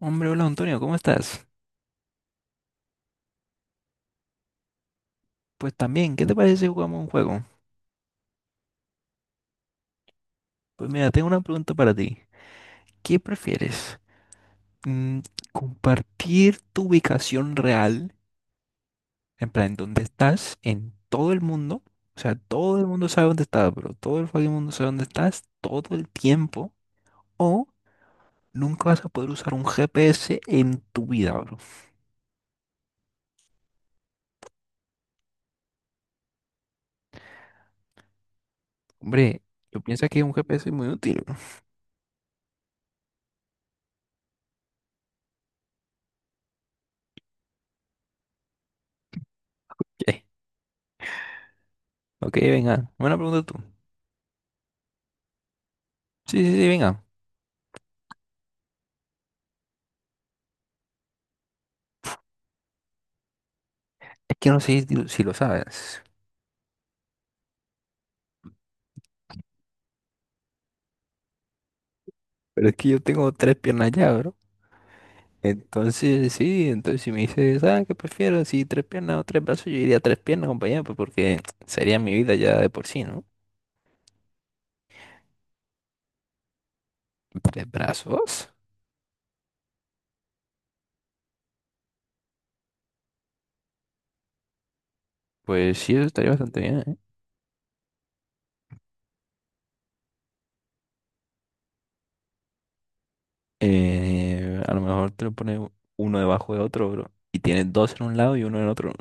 Hombre, hola Antonio, ¿cómo estás? Pues también, ¿qué te parece si jugamos un juego? Pues mira, tengo una pregunta para ti. ¿Qué prefieres? Mm, ¿compartir tu ubicación real, en plan, dónde estás, en todo el mundo? O sea, todo el mundo sabe dónde estás, pero todo el fucking mundo sabe dónde estás todo el tiempo. O nunca vas a poder usar un GPS en tu vida, bro. Hombre, yo pienso que un GPS es muy útil. ¿No? Ok, venga, buena pregunta tú. Sí, sí, sí, venga. Es que no sé si lo sabes. Pero es que yo tengo tres piernas ya, bro. Entonces, sí, entonces si me dices, ah, ¿qué prefiero? Si tres piernas o tres brazos, yo diría tres piernas, compañero, pues porque sería mi vida ya de por sí, ¿no? ¿Tres brazos? Pues sí, eso estaría bastante bien, ¿eh? A lo mejor te lo pones uno debajo de otro, bro. Y tienes dos en un lado y uno en otro.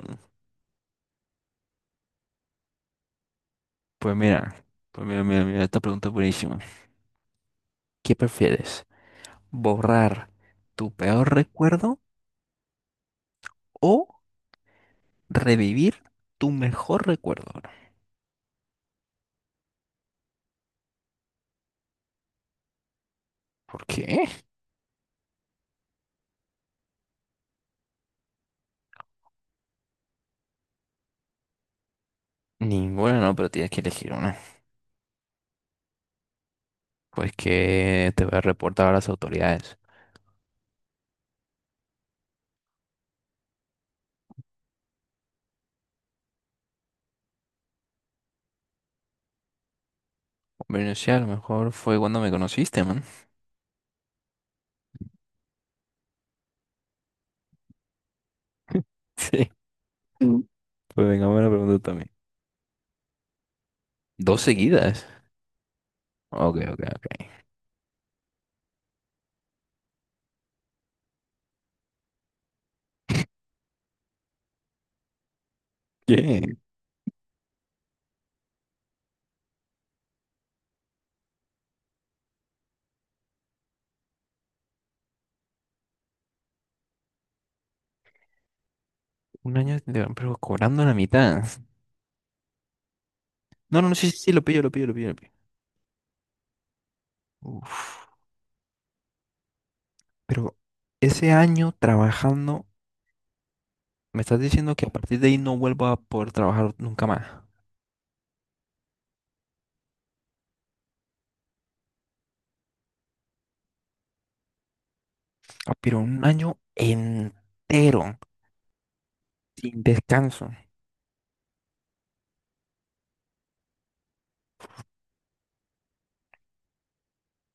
Pues mira, pues mira, mira, mira, esta pregunta es buenísima. ¿Qué prefieres? ¿Borrar tu peor recuerdo o revivir tu mejor recuerdo? ¿Por qué? Ninguna no, pero tienes que elegir una. Pues que te voy a reportar a las autoridades. Bueno, sí, a lo mejor fue cuando me conociste, man. Sí, pues venga, me la pregunta también. Dos seguidas. Ok, ok, ok. ¿Qué? Un año, pero cobrando la mitad. No, no, no, sí, sí, sí, lo pillo, lo pillo, lo pillo, lo pillo. Uf, pero ese año trabajando, me estás diciendo que a partir de ahí no vuelvo a poder trabajar nunca más. Ah, pero un año entero, sin descanso.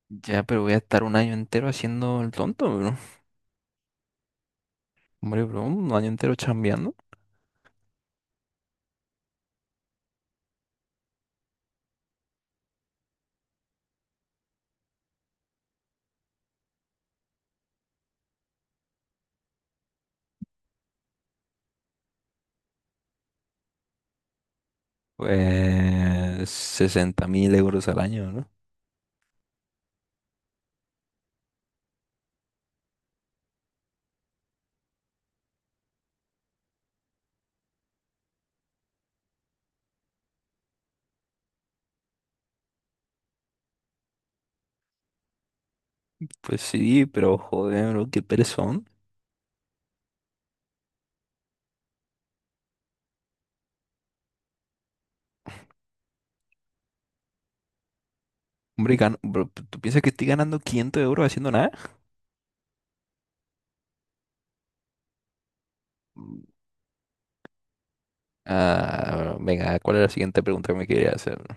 Ya, pero voy a estar un año entero haciendo el tonto, bro. Hombre, bro, un año entero chambeando. Pues 60.000 euros al año, ¿no? Pues sí, pero joder, bro, qué perezón. Hombre, bro, ¿tú piensas que estoy ganando 500 euros haciendo nada? Mm. Ah, bro, venga, ¿cuál es la siguiente pregunta que me quería hacer, bro?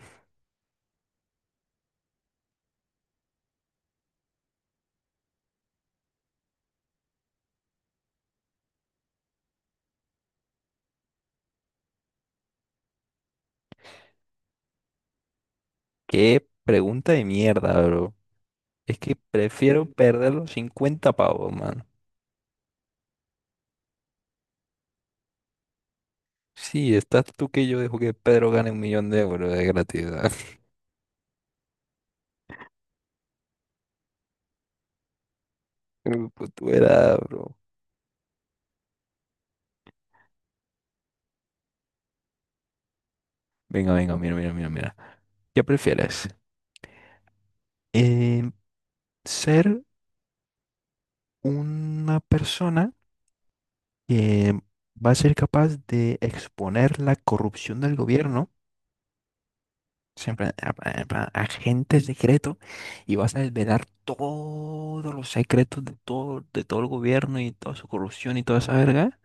Qué pregunta de mierda, bro. Es que prefiero perder los 50 pavos, mano. Sí, estás tú que yo dejo que Pedro gane 1.000.000 de euros de gratuidad. Pero pues, tú era, bro. Venga, venga, mira, mira, mira, mira. ¿Qué prefieres? Eh, ¿Ser una persona que va a ser capaz de exponer la corrupción del gobierno, siempre a- agente secreto, y vas a desvelar todos los secretos de todo el gobierno y toda su corrupción y toda esa verga?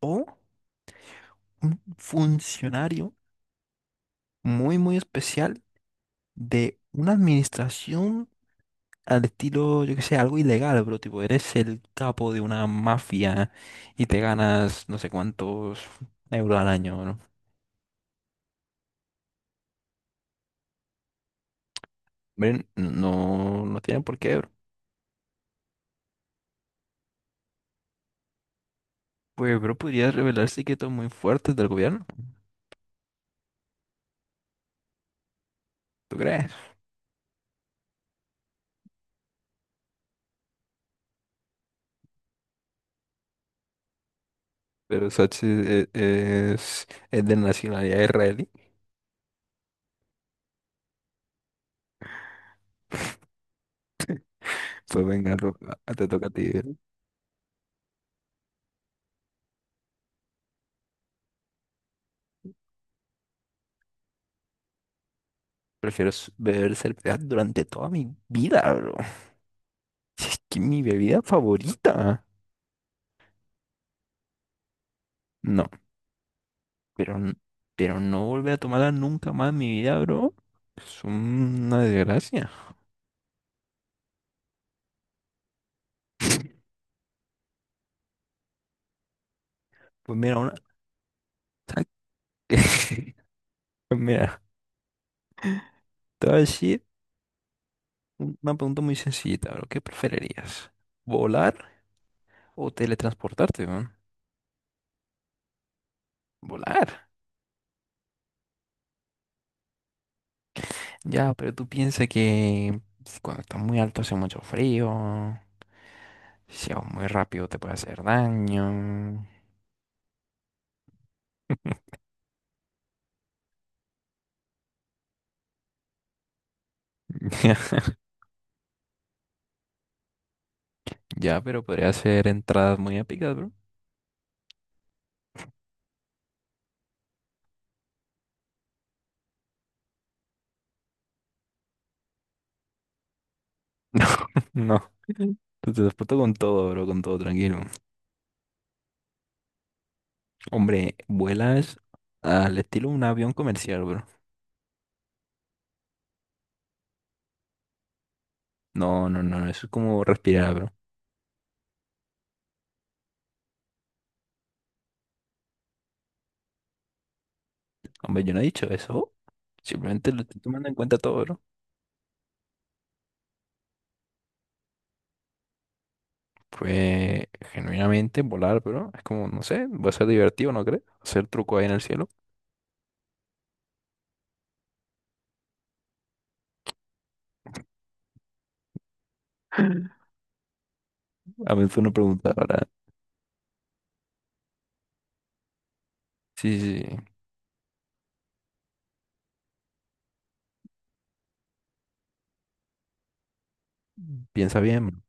¿O un funcionario muy, muy especial de una administración, al estilo, yo que sé, algo ilegal, pero tipo, eres el capo de una mafia y te ganas no sé cuántos euros al año, ¿no? Hombre, no, no tienen por qué, bro. Pues, bro, podría revelar secretos muy fuertes del gobierno, ¿tú crees? Pero Sachi es de nacionalidad israelí. Pues venga, bro, te toca a ti, bro. Prefiero beber cerveza durante toda mi vida, bro. Si es que mi bebida favorita. No. Pero pero no volver a tomarla nunca más en mi vida, bro. Es una desgracia. Pues mira, una... ¿Sabes qué? Pues mira, te voy a decir una pregunta muy sencillita, bro. ¿Qué preferirías? ¿Volar o teletransportarte, weón? Volar. Ya, pero tú piensas que pues, cuando estás muy alto hace mucho frío. Si vas muy rápido te puede hacer daño. Ya, pero podría hacer entradas muy épicas, bro. No, no. Te transporto con todo, bro, con todo, tranquilo. Hombre, vuelas al estilo de un avión comercial, bro. No, no, no, eso es como respirar, bro. Hombre, yo no he dicho eso. Simplemente lo estoy tomando en cuenta todo, bro. Pues, genuinamente, volar, bro, es como, no sé, va a ser divertido, ¿no crees? Hacer truco ahí en el cielo. A veces uno pregunta, ahora, sí, sí, sí, piensa bien, bro.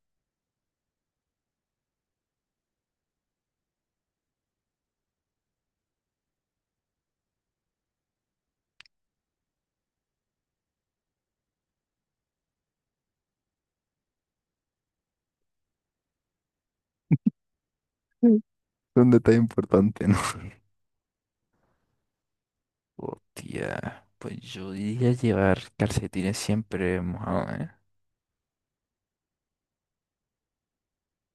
Mm. Es un detalle importante, ¿no? Hostia, pues yo diría llevar calcetines siempre mojados, ¿eh?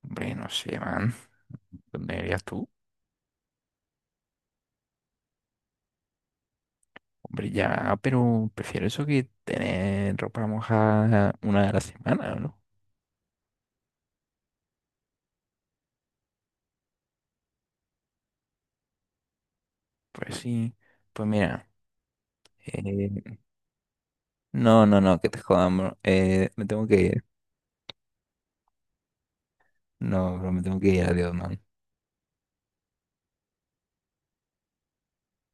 Hombre, no sé, man. ¿Dónde irías tú? Hombre, ya, pero prefiero eso que tener ropa mojada una de la semana, ¿no? Pues sí. Pues mira, eh, no, no, no, que te jodamos. Me tengo que ir. No, bro, me tengo que ir. Adiós, man.